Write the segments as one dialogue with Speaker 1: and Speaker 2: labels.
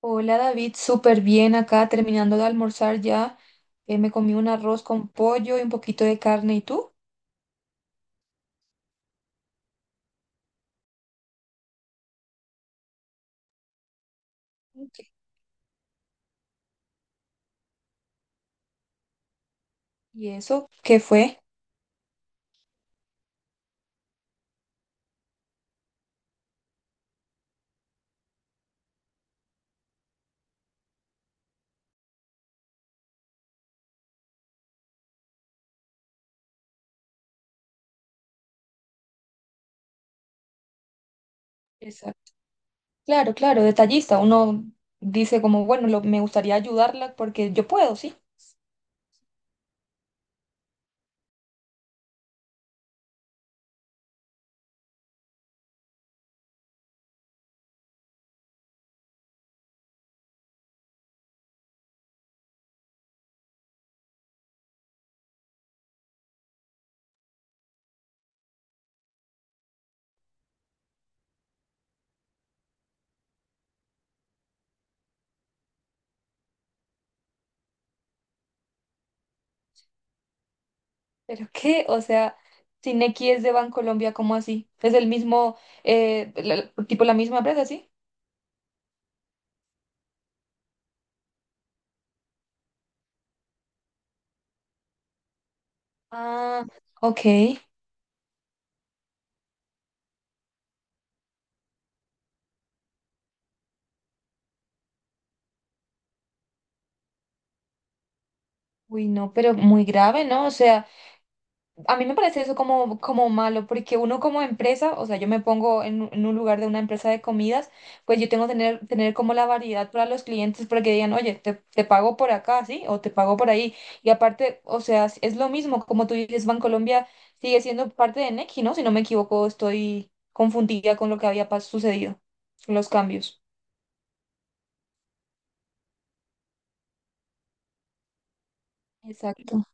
Speaker 1: Hola David, súper bien acá, terminando de almorzar ya. Me comí un arroz con pollo y un poquito de carne. ¿Y tú? Ok. ¿Y eso qué fue? Exacto. Claro, claro, detallista. Uno dice como, bueno, me gustaría ayudarla porque yo puedo, sí. ¿Pero qué? O sea, Cineki es de Bancolombia, ¿cómo así? Es el mismo, tipo la misma empresa, ¿sí? Ah, ok. Uy, no, pero muy grave, ¿no? O sea... A mí me parece eso como, como malo, porque uno como empresa, o sea, yo me pongo en un lugar de una empresa de comidas, pues yo tengo que tener, tener como la variedad para los clientes para que digan, oye, te pago por acá, ¿sí? O te pago por ahí. Y aparte, o sea, es lo mismo, como tú dices, Bancolombia sigue siendo parte de Nequi, ¿no? Si no me equivoco, estoy confundida con lo que había sucedido, los cambios. Exacto.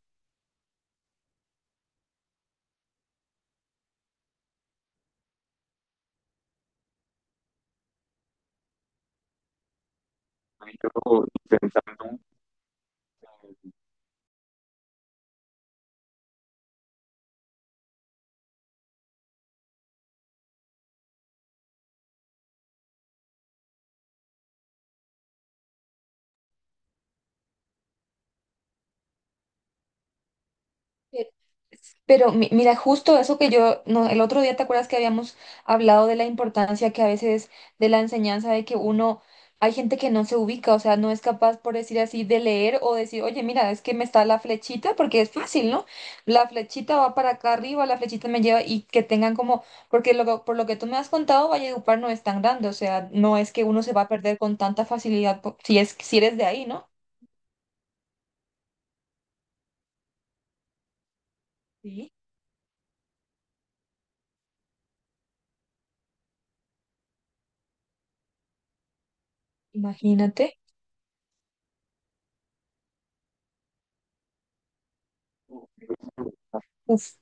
Speaker 1: Pero mira, justo eso que yo, no, el otro día, ¿te acuerdas que habíamos hablado de la importancia que a veces de la enseñanza de que uno, hay gente que no se ubica, o sea, no es capaz, por decir así, de leer o decir, oye, mira, es que me está la flechita, porque es fácil, ¿no? La flechita va para acá arriba, la flechita me lleva y que tengan como, porque por lo que tú me has contado, Valledupar no es tan grande, o sea, no es que uno se va a perder con tanta facilidad, si es, si eres de ahí, ¿no? Sí. Imagínate. Uf.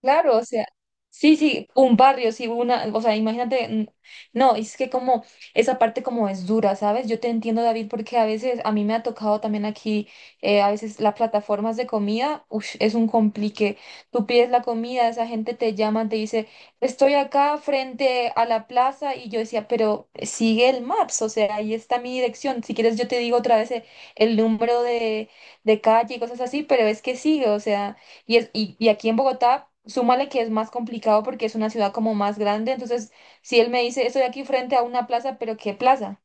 Speaker 1: Claro, o sea, sí, sí, un barrio, sí, una, o sea, imagínate, no, es que como esa parte como es dura, ¿sabes? Yo te entiendo, David, porque a veces a mí me ha tocado también aquí, a veces las plataformas de comida, ush, es un complique. Tú pides la comida, esa gente te llama, te dice, estoy acá frente a la plaza, y yo decía, pero sigue el Maps, o sea, ahí está mi dirección. Si quieres, yo te digo otra vez el número de calle y cosas así, pero es que sigue, o sea. Y aquí en Bogotá, súmale que es más complicado porque es una ciudad como más grande. Entonces, si él me dice, estoy aquí frente a una plaza, pero ¿qué plaza?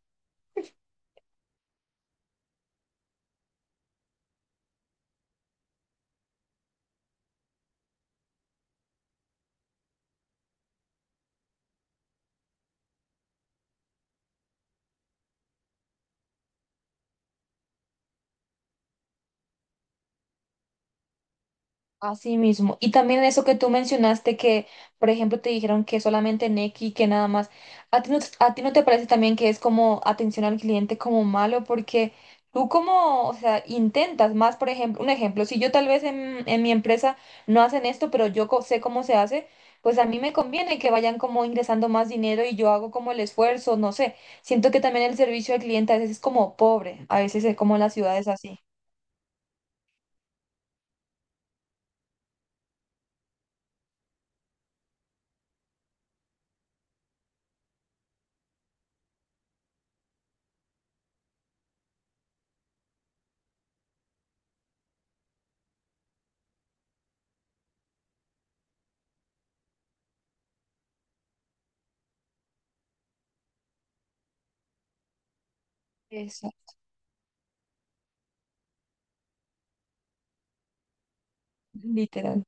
Speaker 1: Así mismo. Y también eso que tú mencionaste que, por ejemplo, te dijeron que solamente Nequi, que nada más. ¿A ti no te parece también que es como atención al cliente como malo? Porque tú como, o sea, intentas más, por ejemplo, un ejemplo, si yo tal vez en mi empresa no hacen esto, pero yo sé cómo se hace, pues a mí me conviene que vayan como ingresando más dinero y yo hago como el esfuerzo, no sé. Siento que también el servicio al cliente a veces es como pobre, a veces es como en las ciudades así. Eso, literal.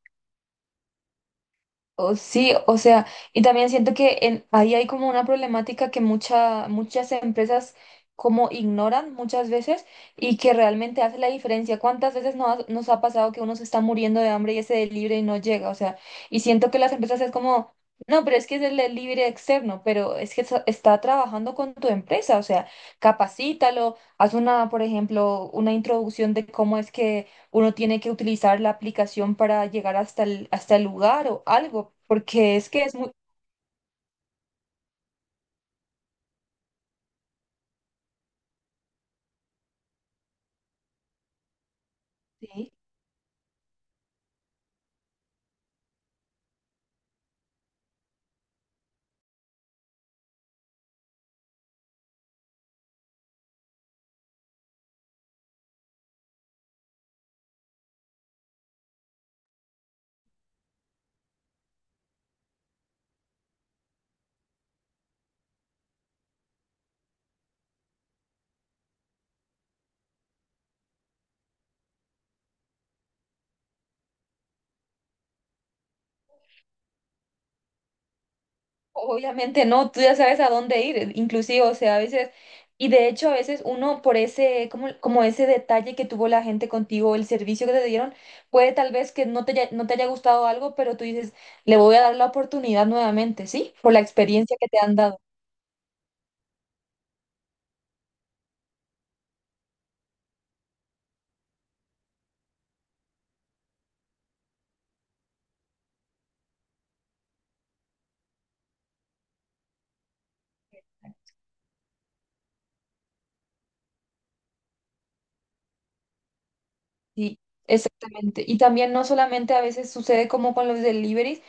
Speaker 1: O sí, o sea, y también siento que ahí hay como una problemática que muchas empresas como ignoran muchas veces y que realmente hace la diferencia. ¿Cuántas veces no nos ha pasado que uno se está muriendo de hambre y ese delivery no llega? O sea, y siento que las empresas es como, no, pero es que es el delivery externo, pero es que está trabajando con tu empresa, o sea, capacítalo, haz una, por ejemplo, una introducción de cómo es que uno tiene que utilizar la aplicación para llegar hasta hasta el lugar o algo, porque es que es muy... Sí. Obviamente no, tú ya sabes a dónde ir, inclusive, o sea, a veces, y de hecho a veces uno por ese, como, como ese detalle que tuvo la gente contigo, el servicio que te dieron, puede tal vez que no te haya gustado algo, pero tú dices, le voy a dar la oportunidad nuevamente, ¿sí? Por la experiencia que te han dado. Sí, exactamente. Y también no solamente a veces sucede como con los deliveries.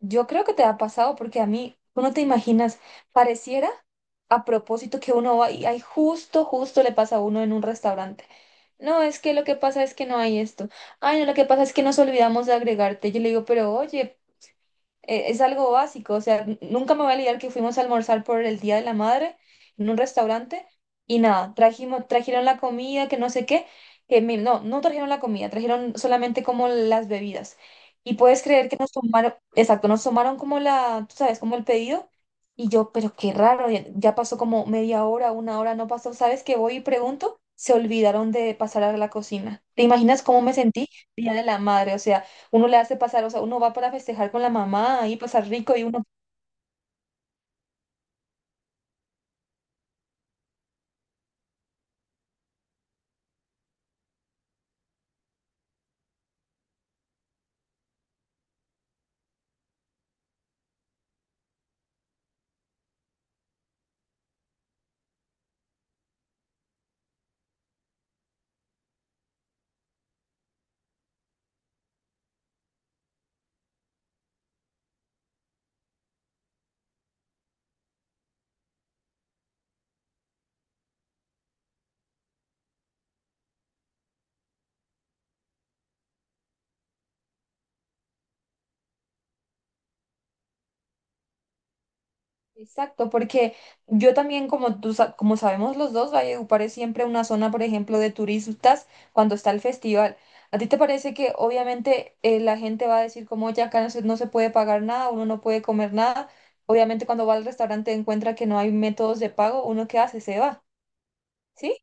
Speaker 1: Yo creo que te ha pasado porque a mí, tú no te imaginas, pareciera a propósito que uno va y ay, justo, justo le pasa a uno en un restaurante. No, es que lo que pasa es que no hay esto. Ay, no, lo que pasa es que nos olvidamos de agregarte. Yo le digo, pero oye, es algo básico, o sea, nunca me voy a olvidar que fuimos a almorzar por el Día de la Madre en un restaurante y nada, trajeron la comida, que no sé qué, que no trajeron la comida, trajeron solamente como las bebidas. Y puedes creer que nos tomaron, exacto, nos tomaron como la, tú sabes, como el pedido. Y yo, pero qué raro, ya, ya pasó como media hora, una hora, no pasó, ¿sabes qué? Voy y pregunto, se olvidaron de pasar a la cocina. ¿Te imaginas cómo me sentí? Día de la Madre, o sea uno le hace pasar, o sea, uno va para festejar con la mamá y pasar rico y uno... Exacto, porque yo también, como tú, como sabemos los dos, Valledupar es siempre una zona, por ejemplo, de turistas cuando está el festival. ¿A ti te parece que obviamente la gente va a decir como ya acá no se puede pagar nada, uno no puede comer nada? Obviamente cuando va al restaurante encuentra que no hay métodos de pago, ¿uno qué hace? Se va, ¿sí?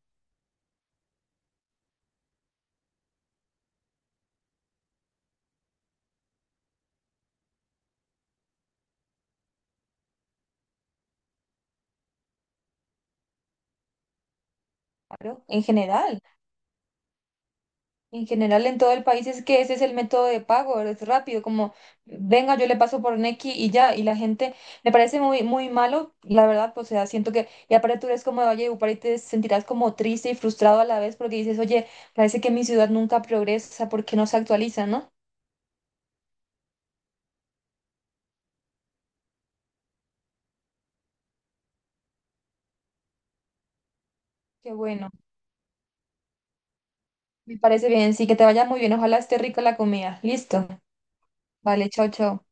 Speaker 1: Claro, en general. En general, en todo el país es que ese es el método de pago, es rápido, como venga, yo le paso por Nequi y ya, y la gente me parece muy, muy malo, la verdad, pues, o sea, siento que, y aparte tú eres como de Valledupar y te sentirás como triste y frustrado a la vez porque dices, oye, parece que mi ciudad nunca progresa porque no se actualiza, ¿no? Qué bueno, me parece bien, sí, que te vaya muy bien, ojalá esté rica la comida, listo, vale, chao, chao.